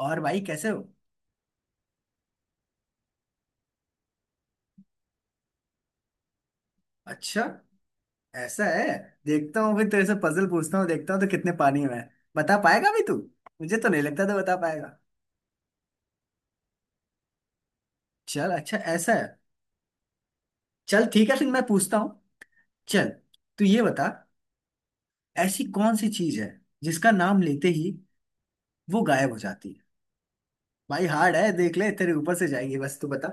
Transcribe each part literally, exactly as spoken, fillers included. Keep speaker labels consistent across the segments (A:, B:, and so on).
A: और भाई कैसे हो। अच्छा, ऐसा है। देखता हूँ, फिर तेरे से पजल पूछता हूँ, देखता हूँ तो कितने पानी में है। बता पाएगा भी तू? मुझे तो नहीं लगता तो बता पाएगा। चल अच्छा, ऐसा है। चल ठीक है, फिर मैं पूछता हूँ। चल तू ये बता, ऐसी कौन सी चीज है जिसका नाम लेते ही वो गायब हो जाती है? भाई हार्ड है, देख ले, तेरे ऊपर से जाएगी, बस तू बता।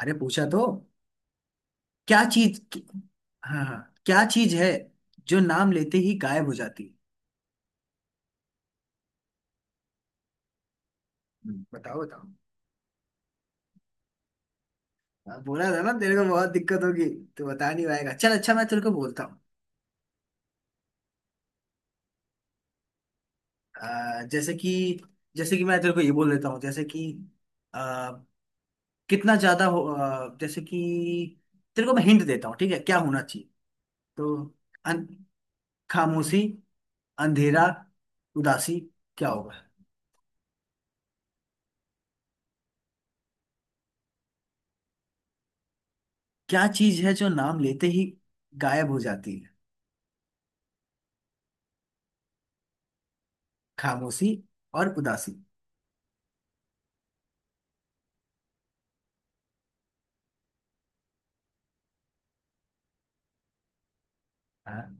A: अरे पूछा तो। क्या चीज? हाँ हाँ, क्या चीज है जो नाम लेते ही गायब हो जाती है? हम्म, बताओ बताओ। हाँ, बोला था ना तेरे को बहुत दिक्कत होगी। तो बता नहीं पाएगा, चल अच्छा मैं तेरे को बोलता हूँ। अ, जैसे कि, जैसे कि मैं तेरे को ये बोल देता हूँ, जैसे कि अ, कितना ज्यादा हो, अ, जैसे कि तेरे को मैं हिंट देता हूँ, ठीक है क्या होना चाहिए। तो अन, खामोशी, अंधेरा, उदासी, क्या होगा? क्या चीज है जो नाम लेते ही गायब हो जाती है? खामोशी और उदासी। हाँ,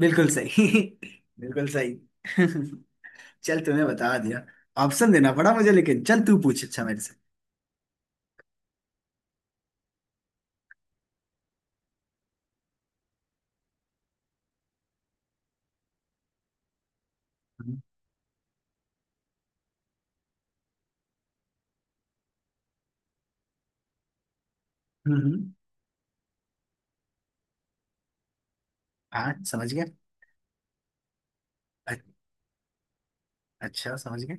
A: बिल्कुल सही। बिल्कुल सही। चल तूने बता दिया। ऑप्शन देना पड़ा मुझे लेकिन। चल तू पूछ अच्छा मेरे से। हम्म। हम्म। हाँ समझ गया। अ- अच्छा समझ गया।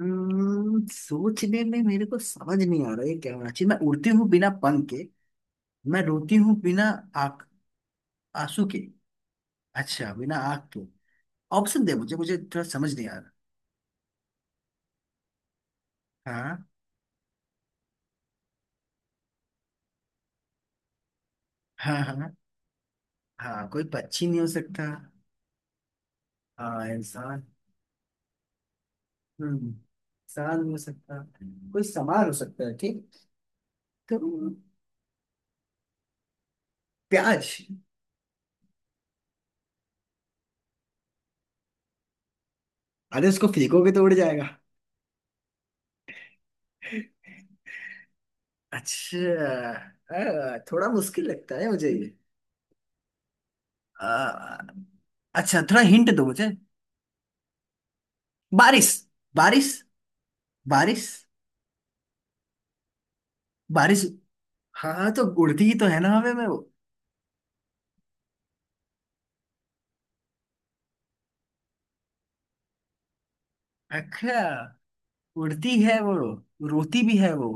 A: हम्म, सोचने में मेरे को समझ नहीं आ रहा है क्या होना चाहिए। मैं उड़ती हूँ बिना पंख के, मैं रोती हूँ बिना आंख, आंसू के अच्छा, बिना आंख के। ऑप्शन दे मुझे, मुझे थोड़ा समझ नहीं आ रहा। हाँ हाँ। हाँ हाँ, कोई पक्षी नहीं हो सकता। हाँ इंसान। हम्म, इंसान नहीं हो सकता, कोई सामान हो सकता है, ठीक। तो प्याज। अरे उसको फेंकोगे तो उड़ जाएगा। अच्छा, अ, थोड़ा मुश्किल लगता है मुझे ये। अ, अच्छा, थोड़ा हिंट दो मुझे। बारिश। बारिश। बारिश। बारिश। हाँ हाँ, तो उड़ती ही तो है ना हवा में वो। अच्छा, उड़ती है वो, रोती भी है वो।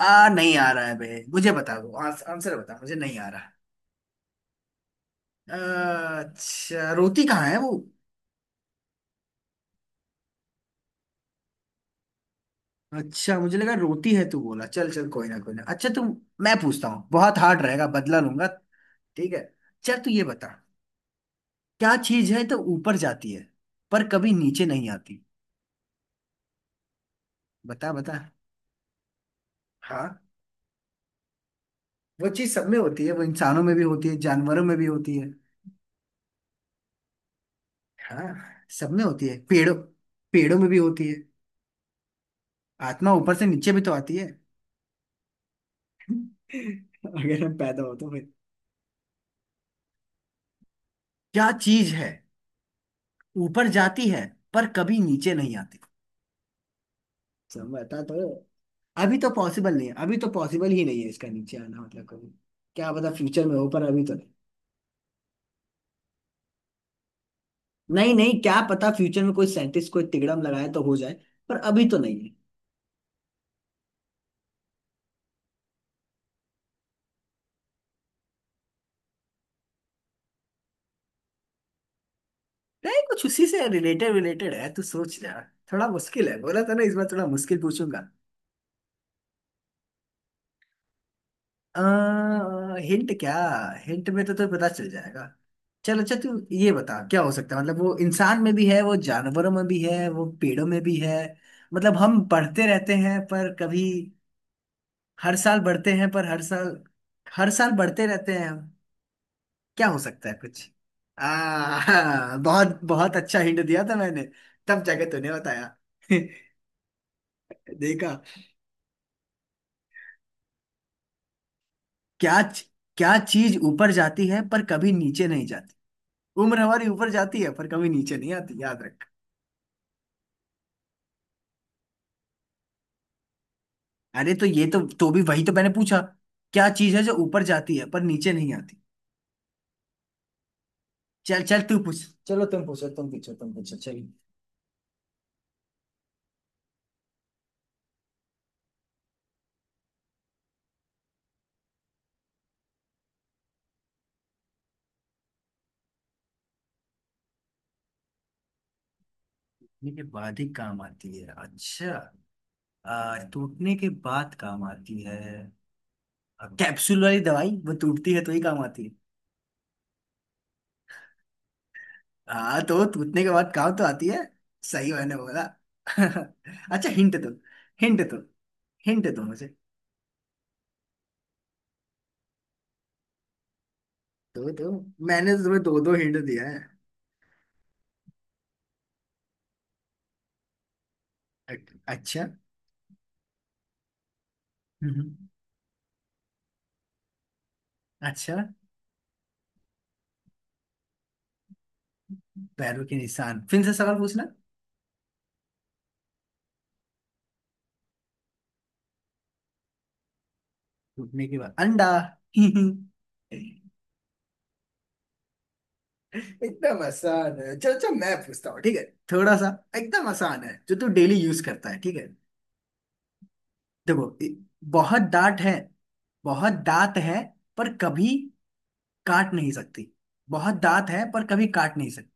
A: आ नहीं आ रहा है बे, मुझे बता दो, आंस- आंसर बता, मुझे नहीं आ रहा। अच्छा, रोती कहाँ है वो? अच्छा, मुझे लगा रोती है, तू बोला, चल चल, कोई ना कोई ना, अच्छा तू। मैं पूछता हूँ, बहुत हार्ड रहेगा, बदला लूंगा। ठीक है, चल तू ये बता। क्या चीज है तो ऊपर जाती है पर कभी नीचे नहीं आती? बता बता। हाँ, वो चीज सब में होती है, वो इंसानों में भी होती है, जानवरों में भी होती है। हाँ सब में होती है, पेड़ों, पेड़ों में भी होती है। आत्मा ऊपर से नीचे भी तो आती है। अगर हम पैदा हो तो फिर। क्या चीज है ऊपर जाती है पर कभी नीचे नहीं आती? समझता तो। अभी तो पॉसिबल नहीं है, अभी तो पॉसिबल ही नहीं है इसका नीचे आना, मतलब कभी। क्या पता फ्यूचर में हो पर अभी तो नहीं। नहीं नहीं, क्या पता फ्यूचर में कोई साइंटिस्ट कोई तिगड़म लगाए तो हो जाए, पर अभी तो नहीं है। नहीं, कुछ उसी से रिलेटेड रिलेटेड है, तू सोच ले। थोड़ा मुश्किल है, बोला था ना इस बार थोड़ा मुश्किल पूछूंगा। आ, हिंट क्या? हिंट में तो तुझे पता चल जाएगा। चल अच्छा, तू ये बता क्या हो सकता है, मतलब वो इंसान में भी है, वो जानवरों में भी है, वो पेड़ों में भी है, मतलब हम पढ़ते रहते हैं पर कभी, हर साल बढ़ते हैं पर हर साल, हर साल बढ़ते रहते हैं हम। क्या हो सकता है कुछ? आ हाँ, बहुत बहुत अच्छा हिंट दिया था मैंने। तब जाके तूने बताया। देखा? क्या? क्या चीज ऊपर जाती है पर कभी नीचे नहीं जाती? उम्र हमारी ऊपर जाती है पर कभी नीचे नहीं आती, याद रख। अरे तो ये तो तो भी वही तो मैंने पूछा, क्या चीज है जो ऊपर जाती है पर नीचे नहीं आती? चल चल, तू पूछ, चलो तुम पूछो तुम पूछो तुम पूछो, चल। मेरे बाद ही काम आती है अच्छा। आ, टूटने के बाद काम आती है। आ, कैप्सूल वाली दवाई, वो टूटती है तो ही काम आती है। हाँ तो टूटने के बाद काम तो आती है, सही मैंने बोला। अच्छा हिंट दो। हिंट दो, हिंट दो मुझे। दो दो, मैंने तो तुम्हें दो दो हिंट दिया है। अ- अच्छा। हम्म, अच्छा। पैरों के निशान, फिर से सवाल पूछना। टूटने के बाद अंडा। एकदम आसान है। चलो अच्छा, मैं पूछता हूँ, ठीक है। थोड़ा सा, एकदम आसान है, जो तू डेली यूज करता है, ठीक है। देखो, इ- बहुत दांत है, बहुत दांत है, पर कभी काट नहीं सकती। बहुत दांत है, पर कभी काट नहीं सकती।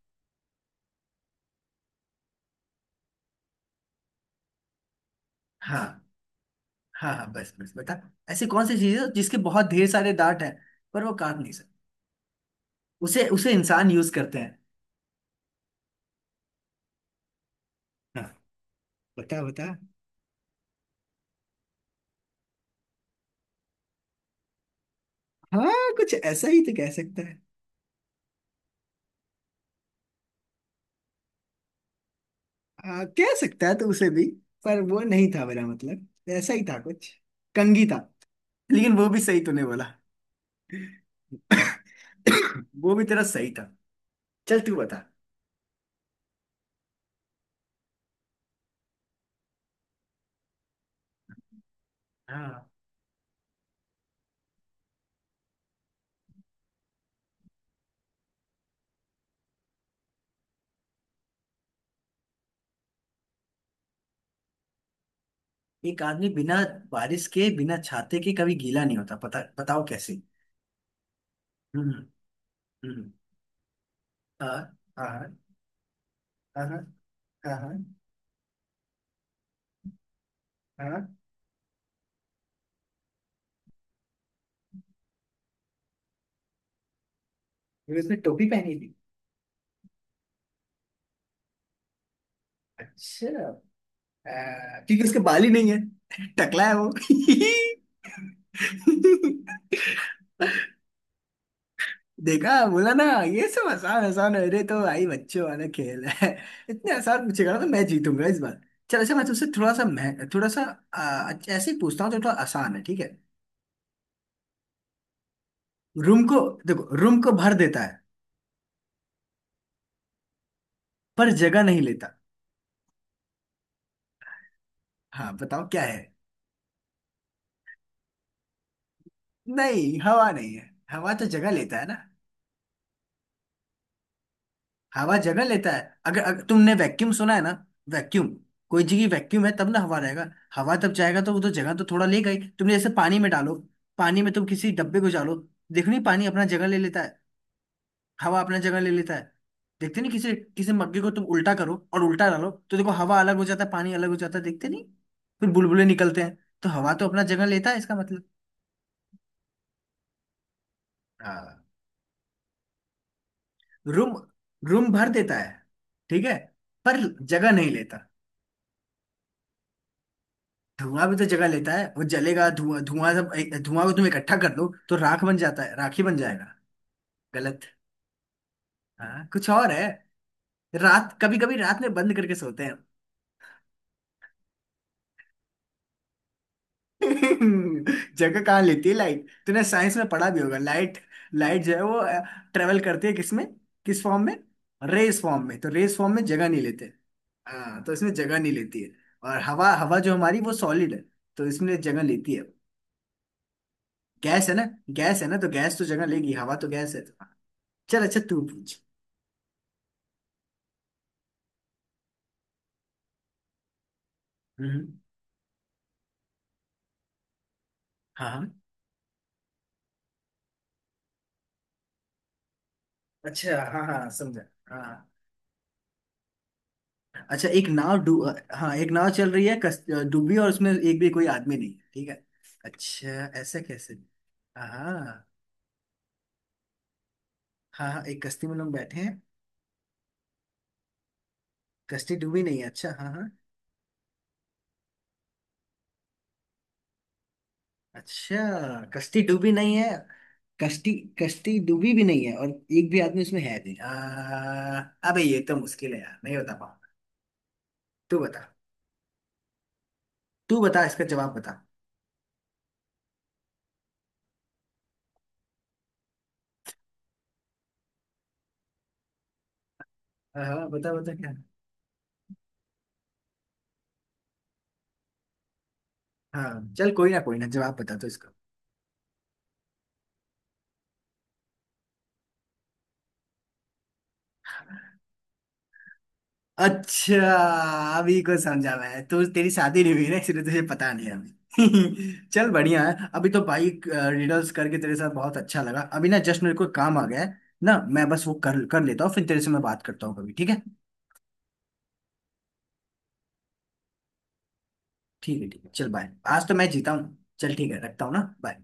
A: हाँ। हाँ हाँ, बस बस बेटा। ऐसी कौन सी चीज है जिसके बहुत ढेर सारे दांत हैं, पर वो काट नहीं सकती? उसे उसे इंसान यूज करते हैं। हाँ। बता बता। हाँ कुछ ऐसा ही तो कह सकता है। आ, कह सकता है तो उसे भी, पर वो नहीं था मेरा मतलब। ऐसा ही था कुछ, कंघी था, लेकिन वो भी सही तूने बोला। वो भी तेरा सही था। चल तू बता। हाँ। एक आदमी बिना बारिश के, बिना छाते के कभी गीला नहीं होता, पता बताओ कैसे? हम्म। हम्म। हाँ हाँ। हाँ हाँ। हाँ हाँ। फिर उसने टोपी पहनी थी। अच्छा, आ, क्योंकि उसके बाल ही नहीं है। टकला है वो। देखा, बोला ना ये सब आसान आसान है, अरे तो भाई बच्चों वाला खेल है। इतने आसान पूछेगा ना तो मैं जीतूंगा इस बार। चल अच्छा, मैं तुमसे थोड़ा सा, मैं थोड़ा सा आ, अच्छा, ऐसे ही पूछता हूँ जो थोड़ा आसान है, ठीक है। रूम को, देखो, रूम को भर देता है पर जगह नहीं लेता। हाँ बताओ क्या है? नहीं, हवा नहीं है, हवा तो जगह लेता है ना। हवा जगह लेता है, अगर, अगर तुमने वैक्यूम सुना है ना, वैक्यूम, कोई जगह वैक्यूम है तब ना हवा रहेगा। हवा तब जाएगा तो वो तो जगह तो थोड़ा ले गई, तुमने जैसे पानी में डालो, पानी में तुम किसी डब्बे को डालो, देखो नहीं पानी अपना जगह ले लेता है, हवा अपना जगह ले लेता है। देखते नहीं, किसी किसी मग्गे को तुम उल्टा करो और उल्टा डालो तो देखो हवा अलग हो जाता है पानी अलग हो जाता है, देखते नहीं, फिर बुलबुले निकलते हैं। तो हवा तो अपना जगह लेता है, इसका मतलब। हाँ। रूम, रूम भर देता है, ठीक है, पर जगह नहीं लेता। धुआं भी तो जगह लेता है, वो जलेगा, धुआं धुआं सब, ए- धुआं को तुम इकट्ठा कर दो तो राख बन जाता है, राखी बन जाएगा। गलत। हाँ कुछ और है। रात, कभी कभी रात में बंद करके सोते हैं। जगह कहाँ लेती है लाइट, तूने साइंस में पढ़ा भी होगा, लाइट, लाइट जो है वो ट्रेवल करती है किसमें, किस फॉर्म में? रेस फॉर्म में, तो रेस फॉर्म में जगह नहीं लेते। हाँ तो इसमें जगह नहीं लेती है। और हवा, हवा जो हमारी वो सॉलिड है, तो इसमें जगह लेती है। गैस है ना, गैस है ना तो गैस तो जगह लेगी, हवा तो गैस है। चल अच्छा, तू पूछ। हम्म। हाँ हाँ। अच्छा हाँ हाँ, समझा, हाँ। अच्छा एक नाव डू, हाँ एक नाव चल रही है, कस- डूबी और उसमें एक भी कोई आदमी नहीं है, ठीक है। अच्छा। ऐसा कैसे? हाँ। हाँ हाँ एक कश्ती में लोग बैठे हैं। कश्ती डूबी नहीं है, अच्छा हाँ हाँ। अच्छा। कश्ती डूबी नहीं है, कश्ती, कश्ती डूबी भी नहीं है और एक भी आदमी उसमें है नहीं, आ, अबे ये तो मुश्किल है यार, नहीं बता पाऊँ, तू बता। तू बता इसका जवाब बता। हाँ। हाँ, बता बता क्या। हाँ चल, कोई ना कोई ना, जवाब बता तो इसका। अच्छा, अभी को समझा मैं, तो तेरी शादी नहीं हुई ना, इसलिए तुझे पता नहीं है अभी। चल बढ़िया है, अभी तो भाई रिडल्स करके तेरे साथ बहुत अच्छा लगा। अभी ना जस्ट मेरे को काम आ गया है ना, मैं बस वो कर कर लेता हूँ, फिर तेरे से मैं बात करता हूँ कभी, ठीक है। ठीक है ठीक है, चल बाय। आज तो मैं जीता हूँ, चल ठीक है, रखता हूँ ना, बाय।